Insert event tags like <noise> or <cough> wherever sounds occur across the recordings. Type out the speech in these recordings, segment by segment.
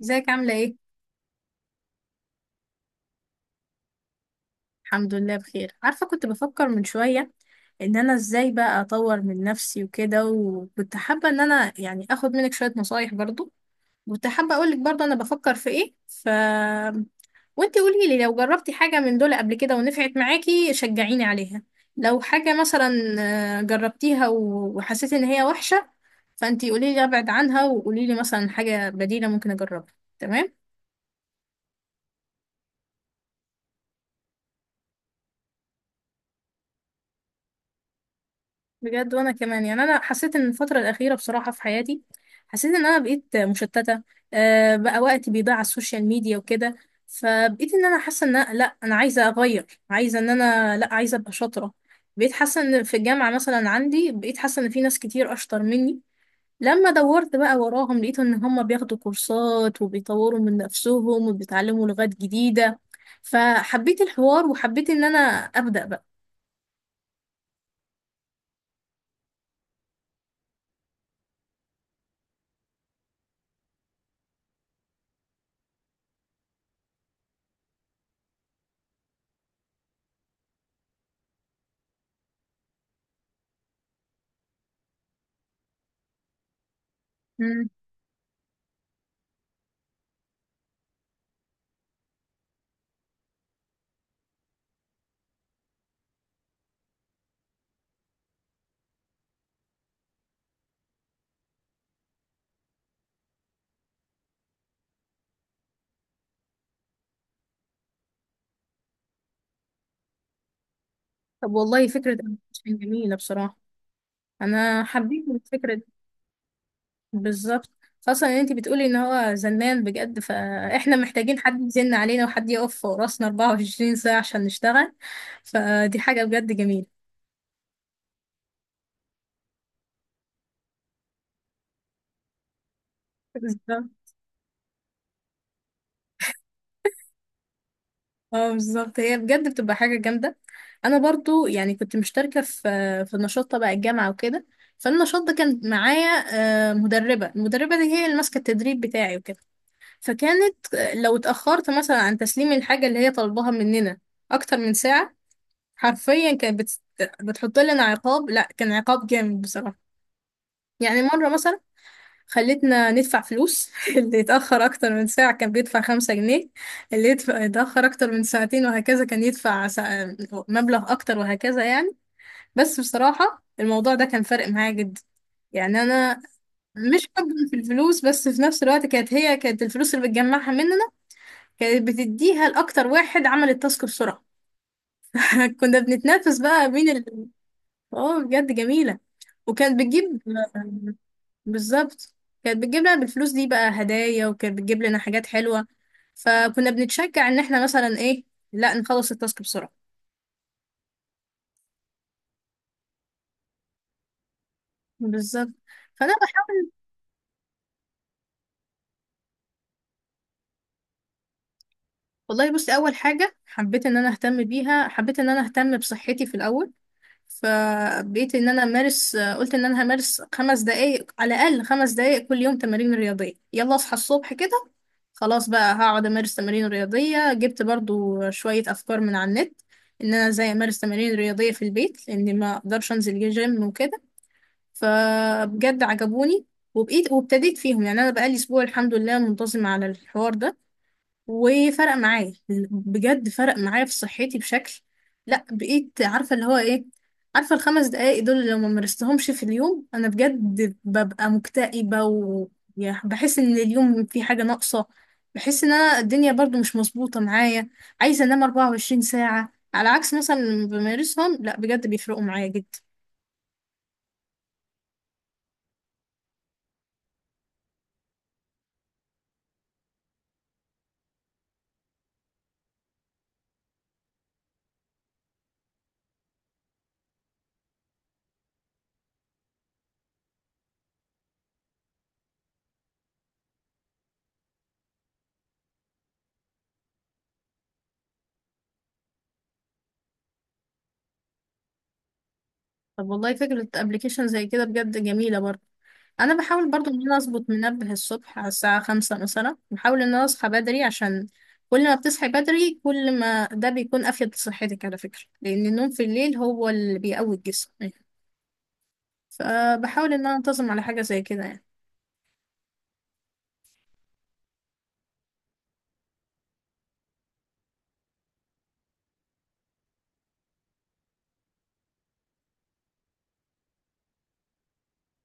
ازيك؟ عاملة ايه؟ الحمد لله بخير. عارفة، كنت بفكر من شوية ان انا ازاي بقى اطور من نفسي وكده، وكنت حابة ان انا يعني اخد منك شوية نصايح برضو. كنت حابة اقولك برضو انا بفكر في ايه، وانتي قولي لي لو جربتي حاجة من دول قبل كده ونفعت معاكي شجعيني عليها. لو حاجة مثلا جربتيها وحسيتي ان هي وحشة، فانتي قولي لي ابعد عنها وقولي لي مثلا حاجة بديلة ممكن اجربها. تمام؟ بجد. وانا كمان يعني انا حسيت ان الفتره الاخيره بصراحه في حياتي حسيت ان انا بقيت مشتته. بقى وقتي بيضيع على السوشيال ميديا وكده، فبقيت ان انا حاسه ان أنا- لا انا عايزه اغير، عايزه ان انا، لا عايزه ابقى شاطره. بقيت حاسه ان في الجامعه مثلا عندي، بقيت حاسه ان في ناس كتير اشطر مني. لما دورت بقى وراهم لقيت ان هم بياخدوا كورسات وبيطوروا من نفسهم وبيتعلموا لغات جديده، فحبيت الحوار وحبيت ان انا ابدا بقى. مم. طب والله فكره جميله بصراحه. انا حبيت الفكره دي. بالظبط، خاصه ان انت بتقولي ان هو زنان بجد، فاحنا محتاجين حد يزن علينا وحد يقف فوق راسنا 24 ساعه عشان نشتغل. فدي حاجه بجد جميله. بالظبط. اه بالظبط، هي بجد بتبقى حاجه جامده. انا برضو يعني كنت مشتركه في نشاط تبع الجامعه وكده، فالنشاط ده كان معايا مدربه. المدربه دي هي اللي ماسكه التدريب بتاعي وكده. فكانت لو اتاخرت مثلا عن تسليم الحاجه اللي هي طالباها مننا اكتر من ساعه، حرفيا كانت بتحط لنا عقاب. لا كان عقاب جامد بصراحة. يعني مرة مثلا خلتنا ندفع فلوس <laughs> اللي يتأخر أكتر من ساعة كان بيدفع 5 جنيه، اللي يتأخر أكتر من ساعتين وهكذا كان يدفع مبلغ أكتر، وهكذا يعني. بس بصراحة الموضوع ده كان فارق معايا جدا. يعني أنا مش حبا في الفلوس، بس في نفس الوقت كانت كانت الفلوس اللي بتجمعها مننا كانت بتديها لأكتر واحد عمل التاسك بسرعة. <laughs> كنا بنتنافس بقى مين. اه بجد جميلة. وكانت بتجيب، بالظبط، كانت بتجيب لنا بالفلوس دي بقى هدايا، وكانت بتجيب لنا حاجات حلوة، فكنا بنتشجع ان احنا مثلا ايه، لا نخلص التاسك بسرعة. بالظبط. فانا بحاول. والله بصي، اول حاجة حبيت ان انا اهتم بيها، حبيت ان انا اهتم بصحتي في الاول. فبقيت ان انا امارس، قلت ان انا همارس 5 دقايق على الاقل، 5 دقايق كل يوم تمارين رياضيه. يلا اصحى الصبح كده، خلاص بقى هقعد امارس تمارين رياضيه. جبت برضو شويه افكار من على النت ان انا ازاي امارس تمارين رياضيه في البيت، لان ما اقدرش انزل جيم وكده. فبجد عجبوني، وبقيت وابتديت فيهم. يعني انا بقالي اسبوع الحمد لله منتظم على الحوار ده، وفرق معايا بجد. فرق معايا في صحتي بشكل، لا بقيت عارفة اللي هو ايه. عارفة ال 5 دقايق دول اللي لو ما مارستهمش في اليوم، انا بجد ببقى مكتئبة وبحس ان اليوم في حاجة ناقصة. بحس ان انا الدنيا برضو مش مظبوطة معايا، عايزة انام 24 ساعة. على عكس مثلا لما بمارسهم، لا بجد بيفرقوا معايا جدا. طب والله فكرة ابلكيشن زي كده بجد جميلة برضو. انا بحاول برضو ان انا اظبط منبه الصبح على الساعة خمسة مثلا، بحاول ان انا اصحى بدري. عشان كل ما بتصحي بدري، كل ما ده بيكون افيد لصحتك على فكرة. لان النوم في الليل هو اللي بيقوي الجسم، فبحاول ان انا انتظم على حاجة زي كده يعني.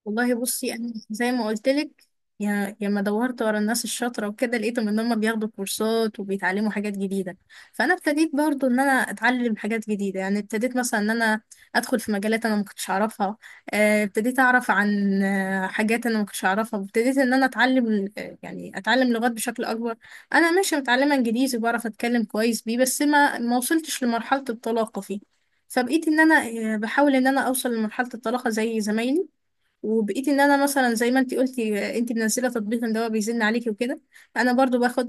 والله بصي، انا زي ما قلت لك، يا ما دورت ورا الناس الشاطره وكده لقيتهم ان هم بياخدوا كورسات وبيتعلموا حاجات جديده. فانا ابتديت برضو ان انا اتعلم حاجات جديده. يعني ابتديت مثلا ان انا ادخل في مجالات انا ما كنتش اعرفها. ابتديت اعرف عن حاجات انا ما كنتش اعرفها. ابتديت ان انا اتعلم، يعني اتعلم لغات بشكل اكبر. انا ماشي متعلمه انجليزي وبعرف اتكلم كويس بيه، بس ما وصلتش لمرحله الطلاقه فيه. فبقيت ان انا بحاول ان انا اوصل لمرحله الطلاقه زي زمايلي. وبقيت ان انا مثلا زي ما انت قلتي، انت منزله تطبيق ان هو بيزن عليكي وكده، انا برضو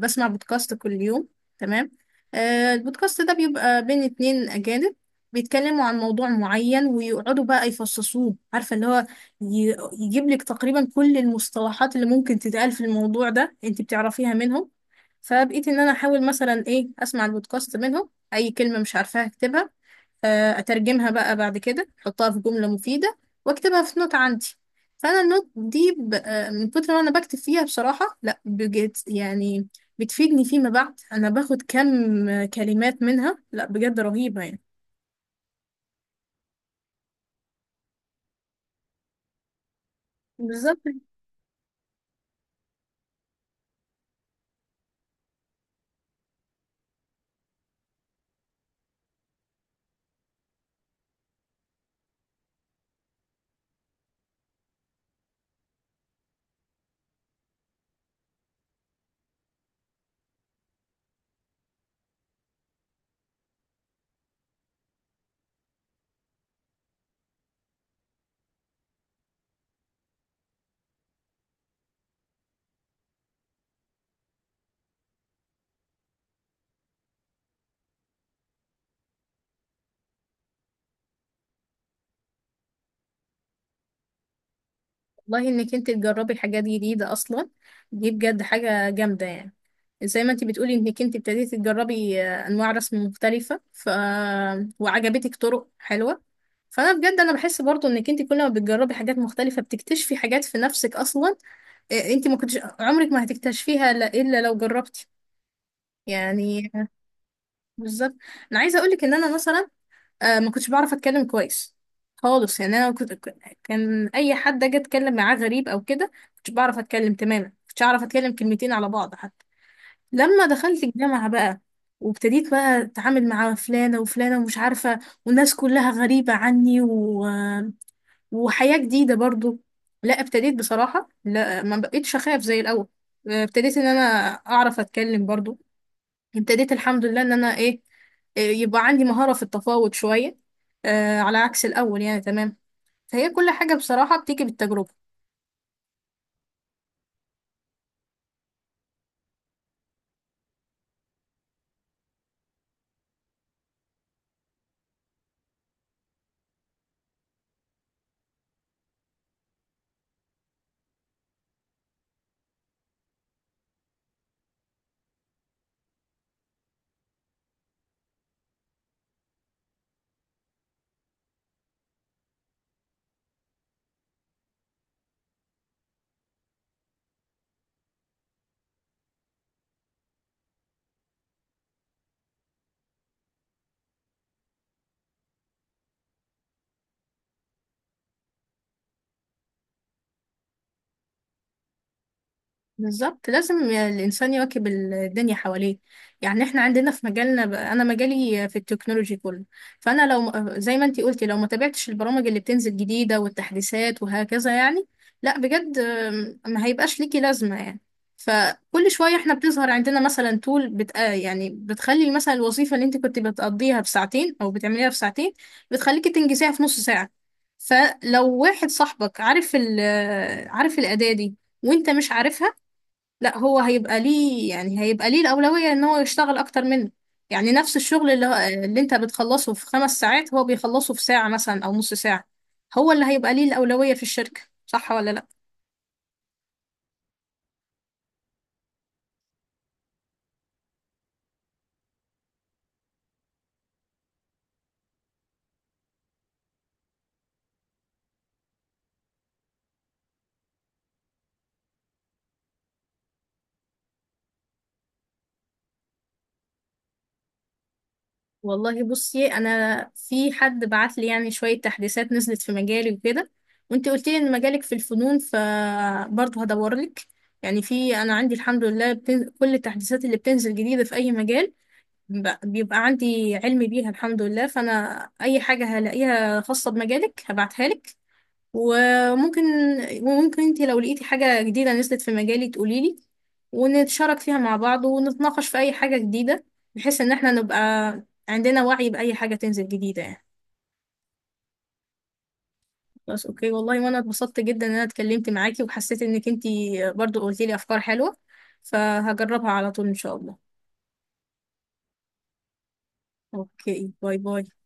بسمع بودكاست كل يوم. تمام. البودكاست ده بيبقى بين اتنين اجانب، بيتكلموا عن موضوع معين ويقعدوا بقى يفصصوه، عارفه اللي هو يجيب لك تقريبا كل المصطلحات اللي ممكن تتقال في الموضوع ده انت بتعرفيها منهم. فبقيت ان انا احاول مثلا ايه، اسمع البودكاست منهم، اي كلمه مش عارفاها اكتبها، اترجمها بقى بعد كده، احطها في جملة مفيدة، واكتبها في نوت عندي. فانا النوت دي ب... آه، من كتر ما انا بكتب فيها بصراحة لا بجد يعني بتفيدني فيما بعد. انا باخد كم كلمات منها لا بجد رهيبة يعني. بالظبط. والله، انك انت تجربي حاجات جديدة اصلا دي بجد حاجة جامدة يعني. زي ما انت بتقولي انك انت ابتديتي تجربي انواع رسم مختلفة وعجبتك طرق حلوة. فانا بجد انا بحس برضو انك انت كل ما بتجربي حاجات مختلفة بتكتشفي حاجات في نفسك اصلا، انت ما كنتش عمرك ما هتكتشفيها لا- الا لو جربتي. يعني بالظبط. انا عايزة اقولك ان انا مثلا آه ما كنتش بعرف اتكلم كويس خالص يعني. انا كنت كان اي حد اجي اتكلم معاه غريب او كده كنتش بعرف اتكلم تماما، كنتش اعرف اتكلم كلمتين على بعض حتى. لما دخلت الجامعة بقى، وابتديت بقى اتعامل مع فلانة وفلانة ومش عارفة، والناس كلها غريبة عني وحياة جديدة برضو، لا ابتديت بصراحة لا ما بقيتش اخاف زي الاول. ابتديت ان انا اعرف اتكلم برضو. ابتديت الحمد لله ان انا ايه، يبقى عندي مهارة في التفاوض شوية، آه على عكس الاول يعني. تمام. فهي كل حاجة بصراحة بتيجي بالتجربة. بالظبط، لازم الإنسان يواكب الدنيا حواليه. يعني احنا عندنا في مجالنا أنا مجالي في التكنولوجي كله، فأنا لو زي ما انتي قلتي لو ما تابعتش البرامج اللي بتنزل جديدة والتحديثات وهكذا يعني لا بجد، ما هيبقاش ليكي لازمة يعني. فكل شوية احنا بتظهر عندنا مثلا تول بت... آه، يعني بتخلي مثلا الوظيفة اللي انت كنت بتقضيها بساعتين أو بتعمليها في ساعتين بتخليكي تنجزيها في نص ساعة. فلو واحد صاحبك عارف ال... آه، عارف الأداة دي وانت مش عارفها، لا هو هيبقى ليه، يعني هيبقى ليه الأولوية ان هو يشتغل اكتر منه. يعني نفس الشغل اللي انت بتخلصه في 5 ساعات هو بيخلصه في ساعة مثلا او نص ساعة، هو اللي هيبقى ليه الأولوية في الشركة. صح ولا لا؟ والله بصي، انا في حد بعت لي يعني شوية تحديثات نزلت في مجالي وكده، وانت قلت لي ان مجالك في الفنون فبرضه هدور لك. يعني في انا عندي الحمد لله كل التحديثات اللي بتنزل جديدة في اي مجال بيبقى عندي علم بيها الحمد لله. فانا اي حاجه هلاقيها خاصه بمجالك هبعتها لك، وممكن وممكن انت لو لقيتي حاجه جديده نزلت في مجالي تقولي لي، ونتشارك فيها مع بعض ونتناقش في اي حاجه جديده، بحيث ان احنا نبقى عندنا وعي باي حاجه تنزل جديده يعني. بس اوكي والله، وانا اتبسطت جدا ان انا اتكلمت معاكي وحسيت انك انت برضو قلتي لي افكار حلوه، فهجربها على طول ان شاء الله. اوكي باي باي.